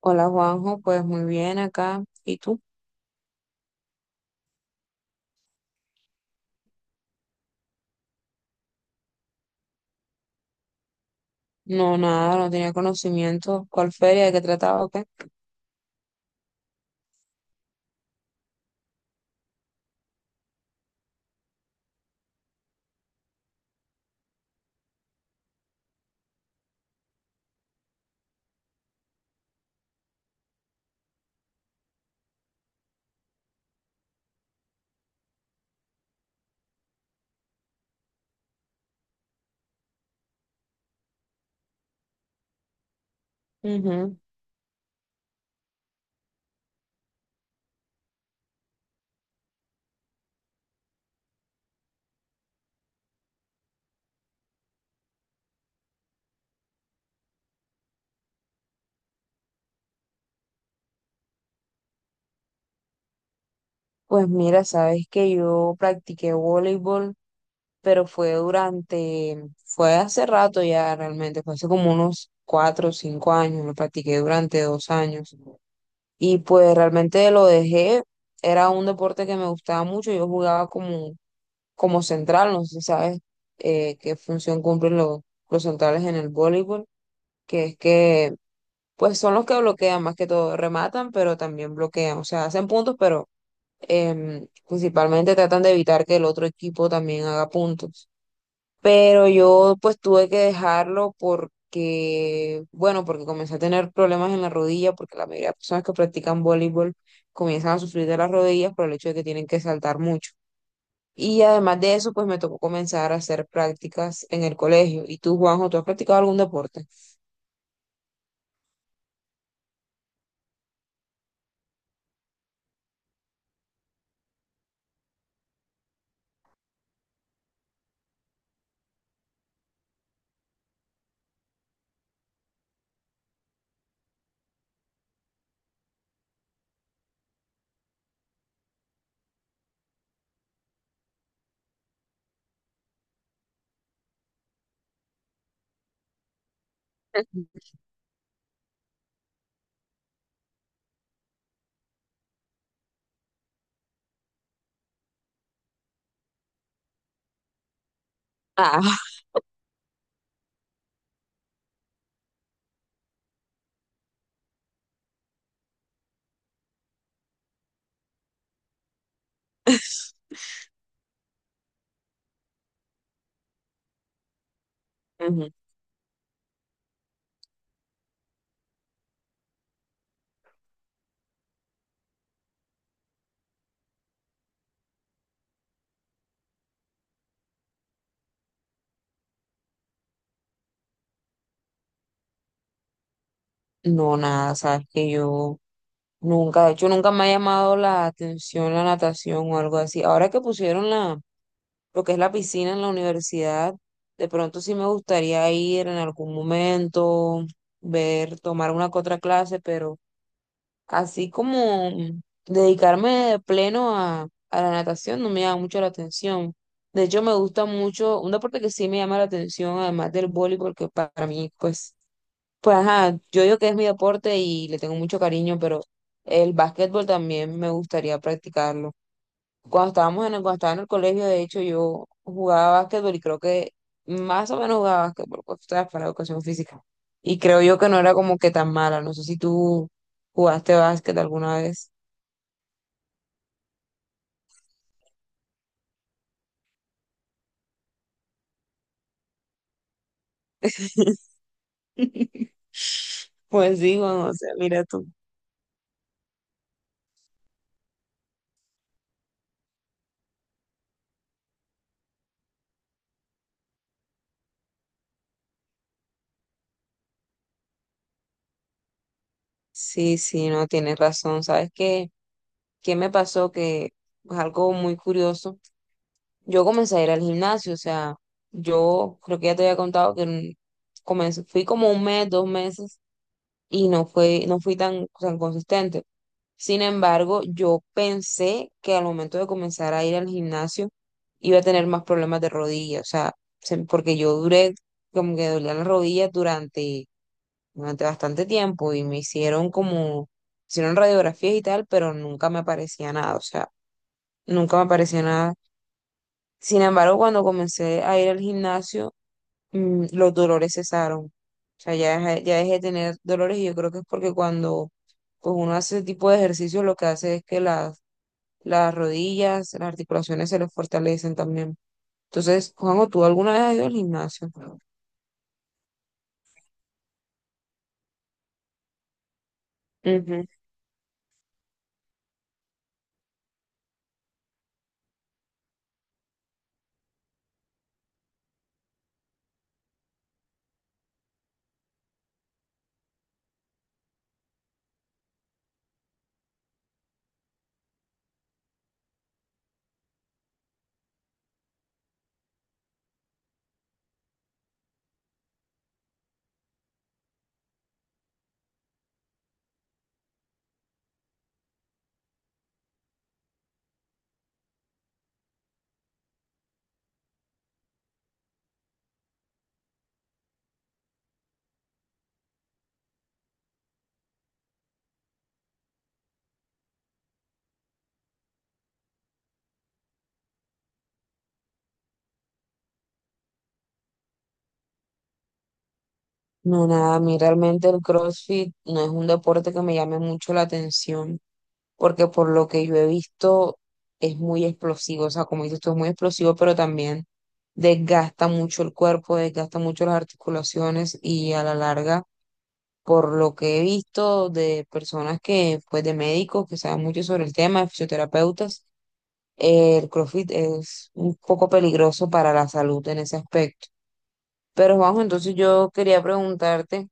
Hola Juanjo, pues muy bien acá. ¿Y tú? No, nada, no tenía conocimiento. ¿Cuál feria? ¿De qué trataba o qué? Ujú. Pues mira, sabes que yo practiqué voleibol, pero fue hace rato ya realmente, fue hace como unos 4 o 5 años, lo practiqué durante 2 años. Y pues realmente lo dejé, era un deporte que me gustaba mucho, como central, no sé si sabes qué función cumplen los centrales en el voleibol que es que pues son los que bloquean más que todo, rematan, pero también bloquean, o sea, hacen puntos, pero principalmente tratan de evitar que el otro equipo también haga puntos. Pero yo pues tuve que dejarlo porque, bueno, porque comencé a tener problemas en la rodilla, porque la mayoría de personas que practican voleibol comienzan a sufrir de las rodillas por el hecho de que tienen que saltar mucho. Y además de eso, pues me tocó comenzar a hacer prácticas en el colegio. ¿Y tú, Juanjo, tú has practicado algún deporte? Ah, ujú. No, nada, sabes que yo nunca, de hecho, nunca me ha llamado la atención la natación o algo así. Ahora que pusieron la, lo que es la piscina en la universidad, de pronto sí me gustaría ir en algún momento, ver, tomar una que otra clase, pero así como dedicarme de pleno a la natación no me llama mucho la atención. De hecho, me gusta mucho, un deporte que sí me llama la atención, además del voleibol, que para mí, pues ajá, yo digo que es mi deporte y le tengo mucho cariño, pero el básquetbol también me gustaría practicarlo. Cuando estaba en el colegio, de hecho, yo jugaba básquetbol y creo que más o menos jugaba básquetbol, pues, tú sabes, para la educación física. Y creo yo que no era como que tan mala. No sé si tú jugaste básquet alguna vez. Pues sí, Juan, o sea, mira tú. Sí, sí, no, tienes razón. ¿Sabes qué? ¿Qué me pasó? Que es algo muy curioso. Yo comencé a ir al gimnasio, o sea, yo creo que ya te había contado que comencé, fui como 1 mes, 2 meses y no fui tan consistente. Sin embargo, yo pensé que al momento de comenzar a ir al gimnasio iba a tener más problemas de rodilla, o sea, porque yo duré, como que dolía la rodilla durante, durante bastante tiempo y hicieron radiografías y tal, pero nunca me aparecía nada, o sea, nunca me aparecía nada. Sin embargo, cuando comencé a ir al gimnasio, los dolores cesaron. O sea, ya dejé de tener dolores y yo creo que es porque cuando pues, uno hace ese tipo de ejercicio, lo que hace es que las rodillas, las articulaciones se les fortalecen también. Entonces, Juanjo, ¿tú alguna vez has ido al gimnasio? Ujú. No, nada, a mí realmente el CrossFit no es un deporte que me llame mucho la atención. Porque por lo que yo he visto es muy explosivo, o sea, como dices tú, es muy explosivo, pero también desgasta mucho el cuerpo, desgasta mucho las articulaciones y a la larga, por lo que he visto de personas que, pues de médicos que saben mucho sobre el tema, de fisioterapeutas, el CrossFit es un poco peligroso para la salud en ese aspecto. Pero Juanjo, entonces yo quería preguntarte.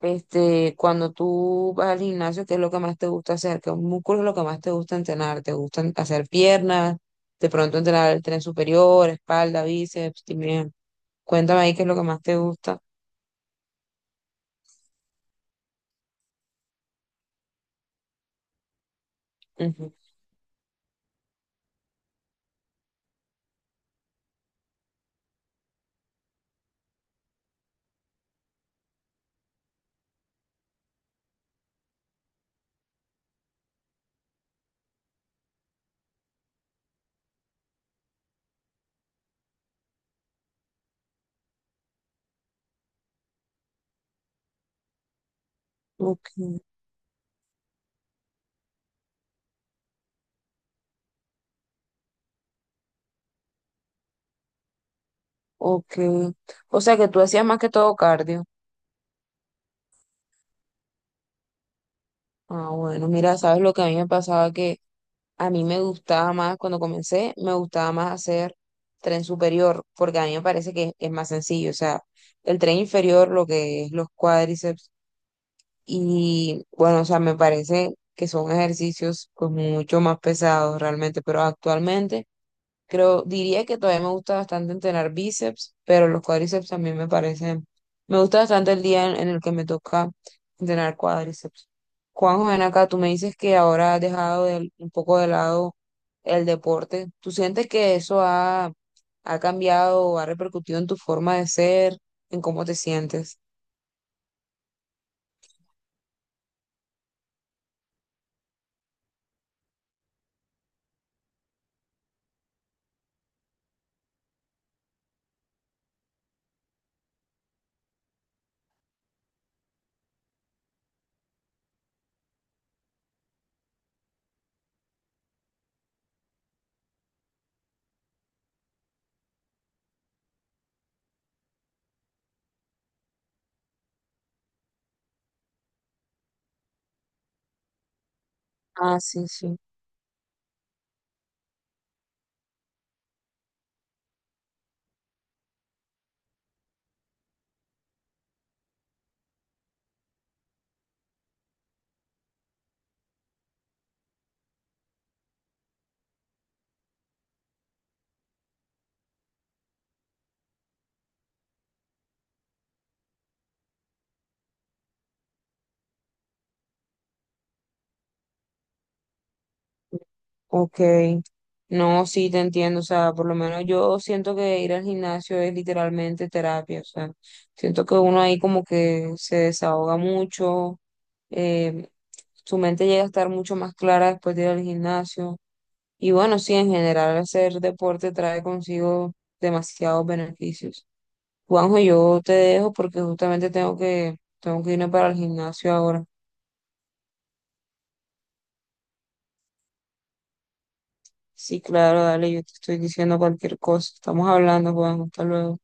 Este, cuando tú vas al gimnasio, ¿qué es lo que más te gusta hacer? ¿Qué músculos es lo que más te gusta entrenar? ¿Te gustan hacer piernas? De pronto entrenar el tren superior, espalda, bíceps, también. Cuéntame ahí qué es lo que más te gusta. Ujú. Ok, ok. O sea que tú hacías más que todo cardio. Ah, bueno, mira, sabes lo que a mí me pasaba que a mí me gustaba más cuando comencé, me gustaba más hacer tren superior, porque a mí me parece que es, más sencillo. O sea, el tren inferior, lo que es los cuádriceps. Y bueno, o sea, me parece que son ejercicios pues mucho más pesados realmente, pero actualmente creo, diría que todavía me gusta bastante entrenar bíceps, pero los cuádriceps también me parecen, me gusta bastante el día en el que me toca entrenar cuádriceps. Juanjo, ven acá, tú me dices que ahora has dejado un poco de lado el deporte. ¿Tú sientes que eso ha, ha cambiado o ha repercutido en tu forma de ser, en cómo te sientes? Ah, sí, sí. Ok, no, sí te entiendo, o sea, por lo menos yo siento que ir al gimnasio es literalmente terapia, o sea, siento que uno ahí como que se desahoga mucho, eh, su mente llega a estar mucho más clara después de ir al gimnasio y bueno, sí, en general hacer deporte trae consigo demasiados beneficios. Juanjo, yo te dejo porque justamente tengo que irme para el gimnasio ahora. Sí, claro, dale, yo te estoy diciendo cualquier cosa, estamos hablando, Juanjo, hasta luego.